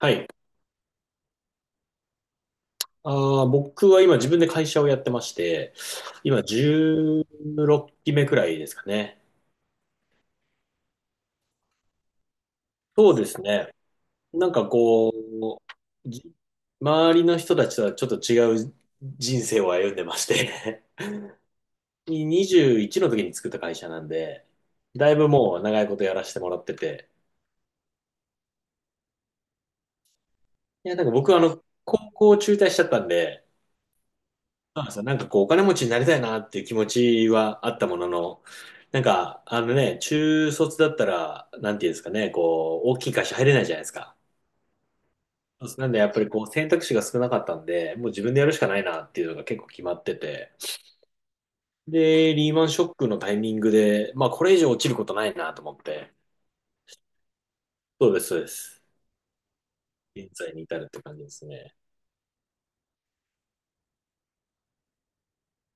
はい。僕は今自分で会社をやってまして、今16期目くらいですかね。そうですね。なんかこう、じ周りの人たちとはちょっと違う人生を歩んでまして、21 の時に作った会社なんで、だいぶもう長いことやらせてもらってて。いや、なんか僕は高校中退しちゃったんで、そうなんですよ。なんかこう、お金持ちになりたいなっていう気持ちはあったものの、なんか、中卒だったら、なんていうんですかね、こう、大きい会社入れないじゃないですか。そうですなんで、やっぱりこう、選択肢が少なかったんで、もう自分でやるしかないなっていうのが結構決まってて。で、リーマンショックのタイミングで、まあ、これ以上落ちることないなと思って。そうです、そうです。現在に至るって感じですね。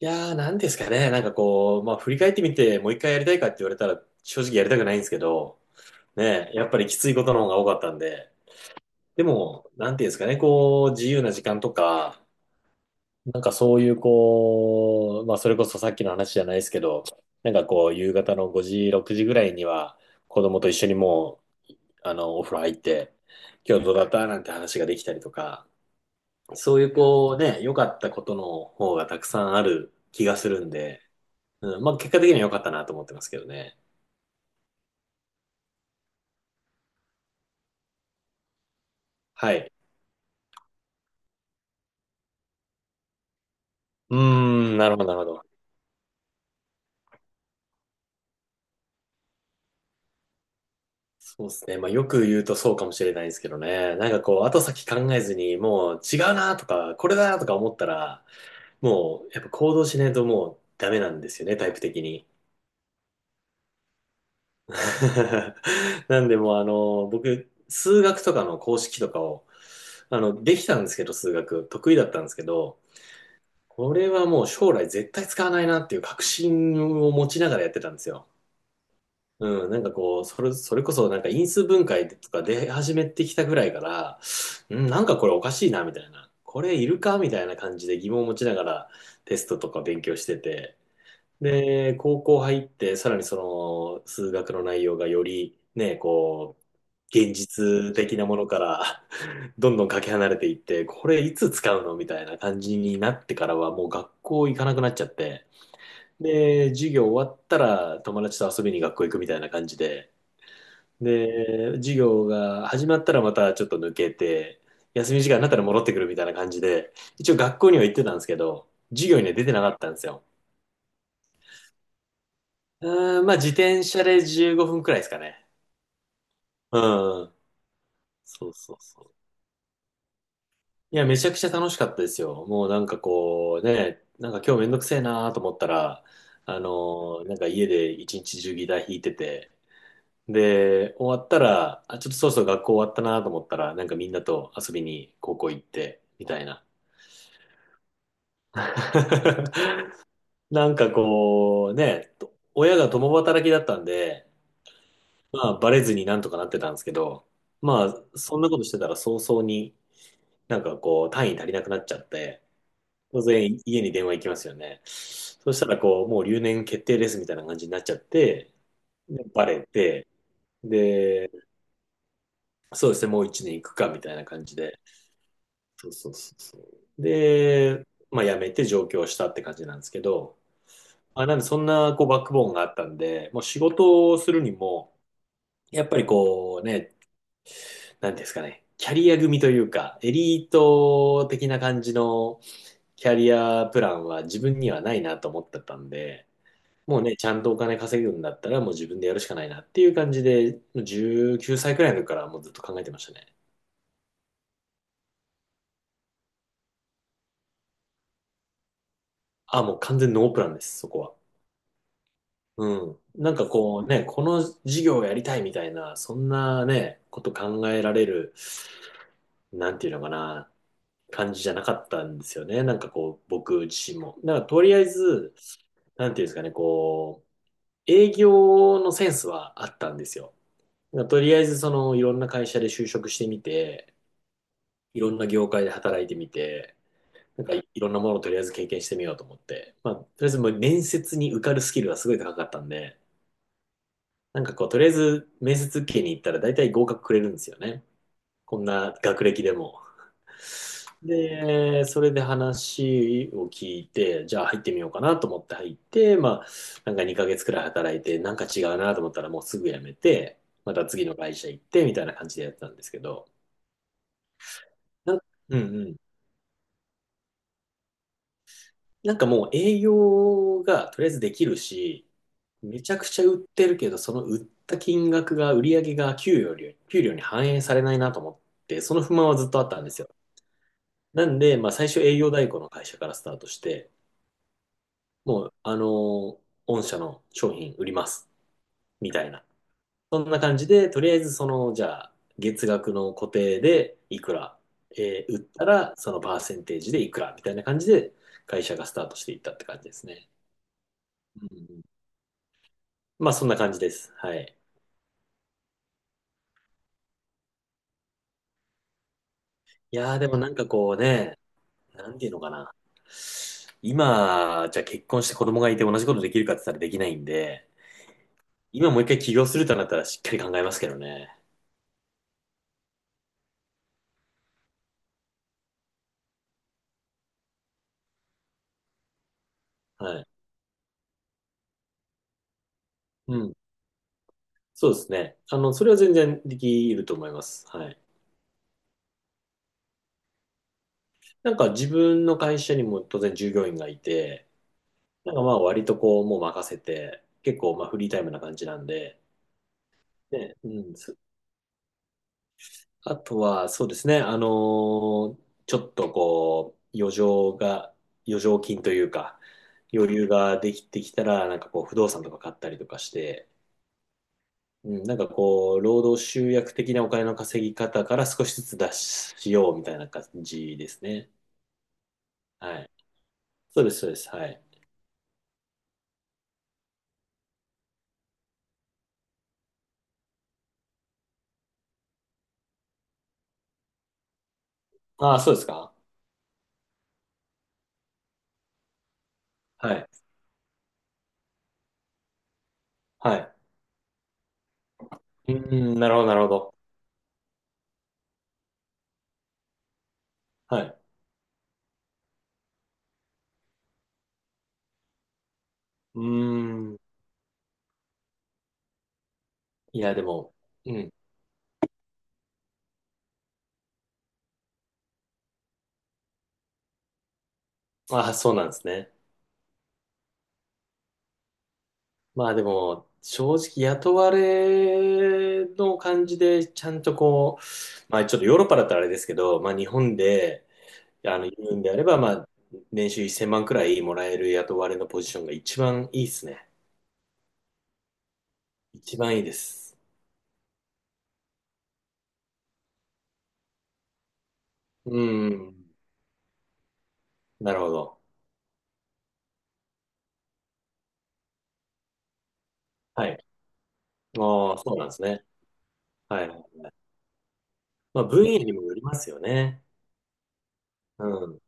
いやー、なんですかね、なんかこう、まあ、振り返ってみて、もう一回やりたいかって言われたら、正直やりたくないんですけど、ね、やっぱりきついことの方が多かったんで、でも、なんていうんですかね、こう、自由な時間とか、なんかそういう、こう、まあ、それこそさっきの話じゃないですけど、なんかこう、夕方の5時、6時ぐらいには、子供と一緒にもう、お風呂入って、今日どうだったなんて話ができたりとか、そういう、こう、ね、良かったことの方がたくさんある気がするんで、うん、まあ、結果的には良かったなと思ってますけどね。はい。うーん、なるほど、なるほど。そうですね。まあよく言うとそうかもしれないですけどね。なんかこう、後先考えずに、もう違うなとか、これだなとか思ったら、もうやっぱ行動しないともうダメなんですよね、タイプ的に。なんでもう僕、数学とかの公式とかを、できたんですけど、数学、得意だったんですけど、これはもう将来絶対使わないなっていう確信を持ちながらやってたんですよ。うん、なんかこう、それこそなんか因数分解とか出始めてきたぐらいから、うん、なんかこれおかしいな、みたいな。これいるかみたいな感じで疑問を持ちながらテストとか勉強してて。で、高校入って、さらにその数学の内容がよりね、こう、現実的なものから どんどんかけ離れていって、これいつ使うのみたいな感じになってからはもう学校行かなくなっちゃって。で、授業終わったら友達と遊びに学校行くみたいな感じで、で、授業が始まったらまたちょっと抜けて、休み時間になったら戻ってくるみたいな感じで、一応学校には行ってたんですけど、授業には出てなかったんですよ。うーん、まあ自転車で15分くらいですかね。うん。そうそうそう。いや、めちゃくちゃ楽しかったですよ。もうなんかこうね、なんか今日めんどくせえなと思ったら、あのなんか家で一日中ギター弾いてて、で、終わったら、あ、ちょっとそろそろ学校終わったなと思ったら、なんかみんなと遊びに高校行って、みたいな。なんかこう、ね、と親が共働きだったんで、まあ、バレずになんとかなってたんですけど、まあ、そんなことしてたら早々になんかこう、単位足りなくなっちゃって、当然家に電話行きますよね。そしたらこう、もう留年決定ですみたいな感じになっちゃって、でバレて、で、そうですね、もう一年行くかみたいな感じで、そうそうそうそう。で、まあ、辞めて上京したって感じなんですけど、あ、なんでそんなこうバックボーンがあったんで、もう仕事をするにも、やっぱりこうね、なんていうんですかね、キャリア組というか、エリート的な感じのキャリアプランは自分にはないなと思ってたんで、もうね、ちゃんとお金稼ぐんだったらもう自分でやるしかないなっていう感じで、もう19歳くらいの時からもうずっと考えてましたね。あ、もう完全ノープランです、そこは。うん。なんかこうね、この事業をやりたいみたいな、そんなね、こと考えられるなんていうのかな、感じじゃなかったんですよね。なんかこう、僕自身も。なんからとりあえず、なんていうんですかね、こう、営業のセンスはあったんですよ。だからとりあえず、いろんな会社で就職してみて、いろんな業界で働いてみて、なんかいいろんなものをとりあえず経験してみようと思って、まあ、とりあえずもう面接に受かるスキルがすごい高かったんで、なんかこう、とりあえず面接受けに行ったら大体合格くれるんですよね。こんな学歴でも。で、それで話を聞いて、じゃあ入ってみようかなと思って入って、まあ、なんか2ヶ月くらい働いて、なんか違うなと思ったらもうすぐ辞めて、また次の会社行ってみたいな感じでやってたんですけど、なん、うんうん。なんかもう営業がとりあえずできるし、めちゃくちゃ売ってるけど、その売った金額が、売り上げが給与より、給料に反映されないなと思って、その不満はずっとあったんですよ。なんで、まあ最初営業代行の会社からスタートして、もう、御社の商品売ります。みたいな。そんな感じで、とりあえず、じゃあ、月額の固定でいくら、売ったら、そのパーセンテージでいくら、みたいな感じで、会社がスタートしていったって感じですね。うんうんまあ、そんな感じです。はい。いやー、でもなんかこうね、なんていうのかな。今、じゃあ結婚して子供がいて同じことできるかって言ったらできないんで、今もう一回起業するとなったらしっかり考えますけどね。はい。うん。そうですね。それは全然できると思います。はい。なんか自分の会社にも当然従業員がいて、なんかまあ割とこうもう任せて、結構まあフリータイムな感じなんで、ね、うん。あとはそうですね、ちょっとこう、余剰が、余剰金というか、余裕ができてきたら、なんかこう不動産とか買ったりとかして、うん、なんかこう、労働集約的なお金の稼ぎ方から少しずつ出しようみたいな感じですね。はい。そうです、そうです。はい。ああ、そうですか。はい。はい。うーん、なるほど、なるほど。はい。うーん。いや、でも、うん。ああ、そうなんですね。まあでも、正直雇われの感じで、ちゃんとこう、まあちょっとヨーロッパだったらあれですけど、まあ日本で、言うんであれば、まあ、年収1000万くらいもらえる雇われのポジションが一番いいですね。一番いいです。うーん。なるほど。はい。ああ、そうなんですね。はい。まあ、分野にもよりますよね。うん。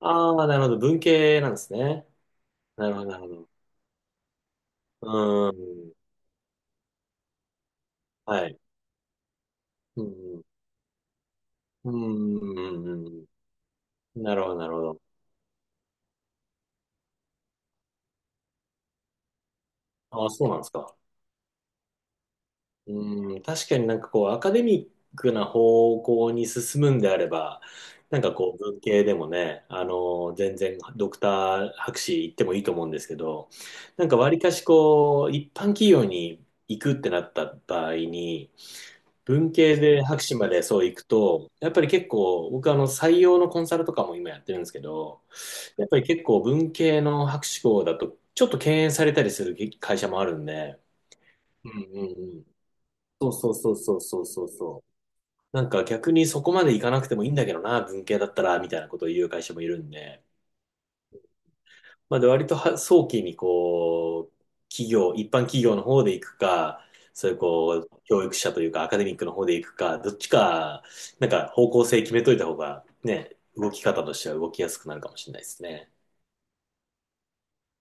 ああ、なるほど。文系なんですね。なるほど、なるほど。うーん。はい。うん。うん。うん。うんうんなるほど、なるほど。ああ、そうなんですか。うん。確かになんかこう、アカデミックな方向に進むんであれば、なんかこう、文系でもね、全然ドクター博士行ってもいいと思うんですけど、なんか割かしこう、一般企業に行くってなった場合に、文系で博士までそう行くと、やっぱり結構、僕採用のコンサルとかも今やってるんですけど、やっぱり結構文系の博士号だと、ちょっと敬遠されたりする会社もあるんで、うんうんうん。そうそうそうそうそうそうそう。なんか逆にそこまで行かなくてもいいんだけどな、文系だったら、みたいなことを言う会社もいるんで、まあ、で割とは早期にこう、企業、一般企業の方で行くか、そういうこう、教育者というかアカデミックの方で行くか、どっちか、なんか方向性決めといた方がね、動き方としては動きやすくなるかもしれないですね。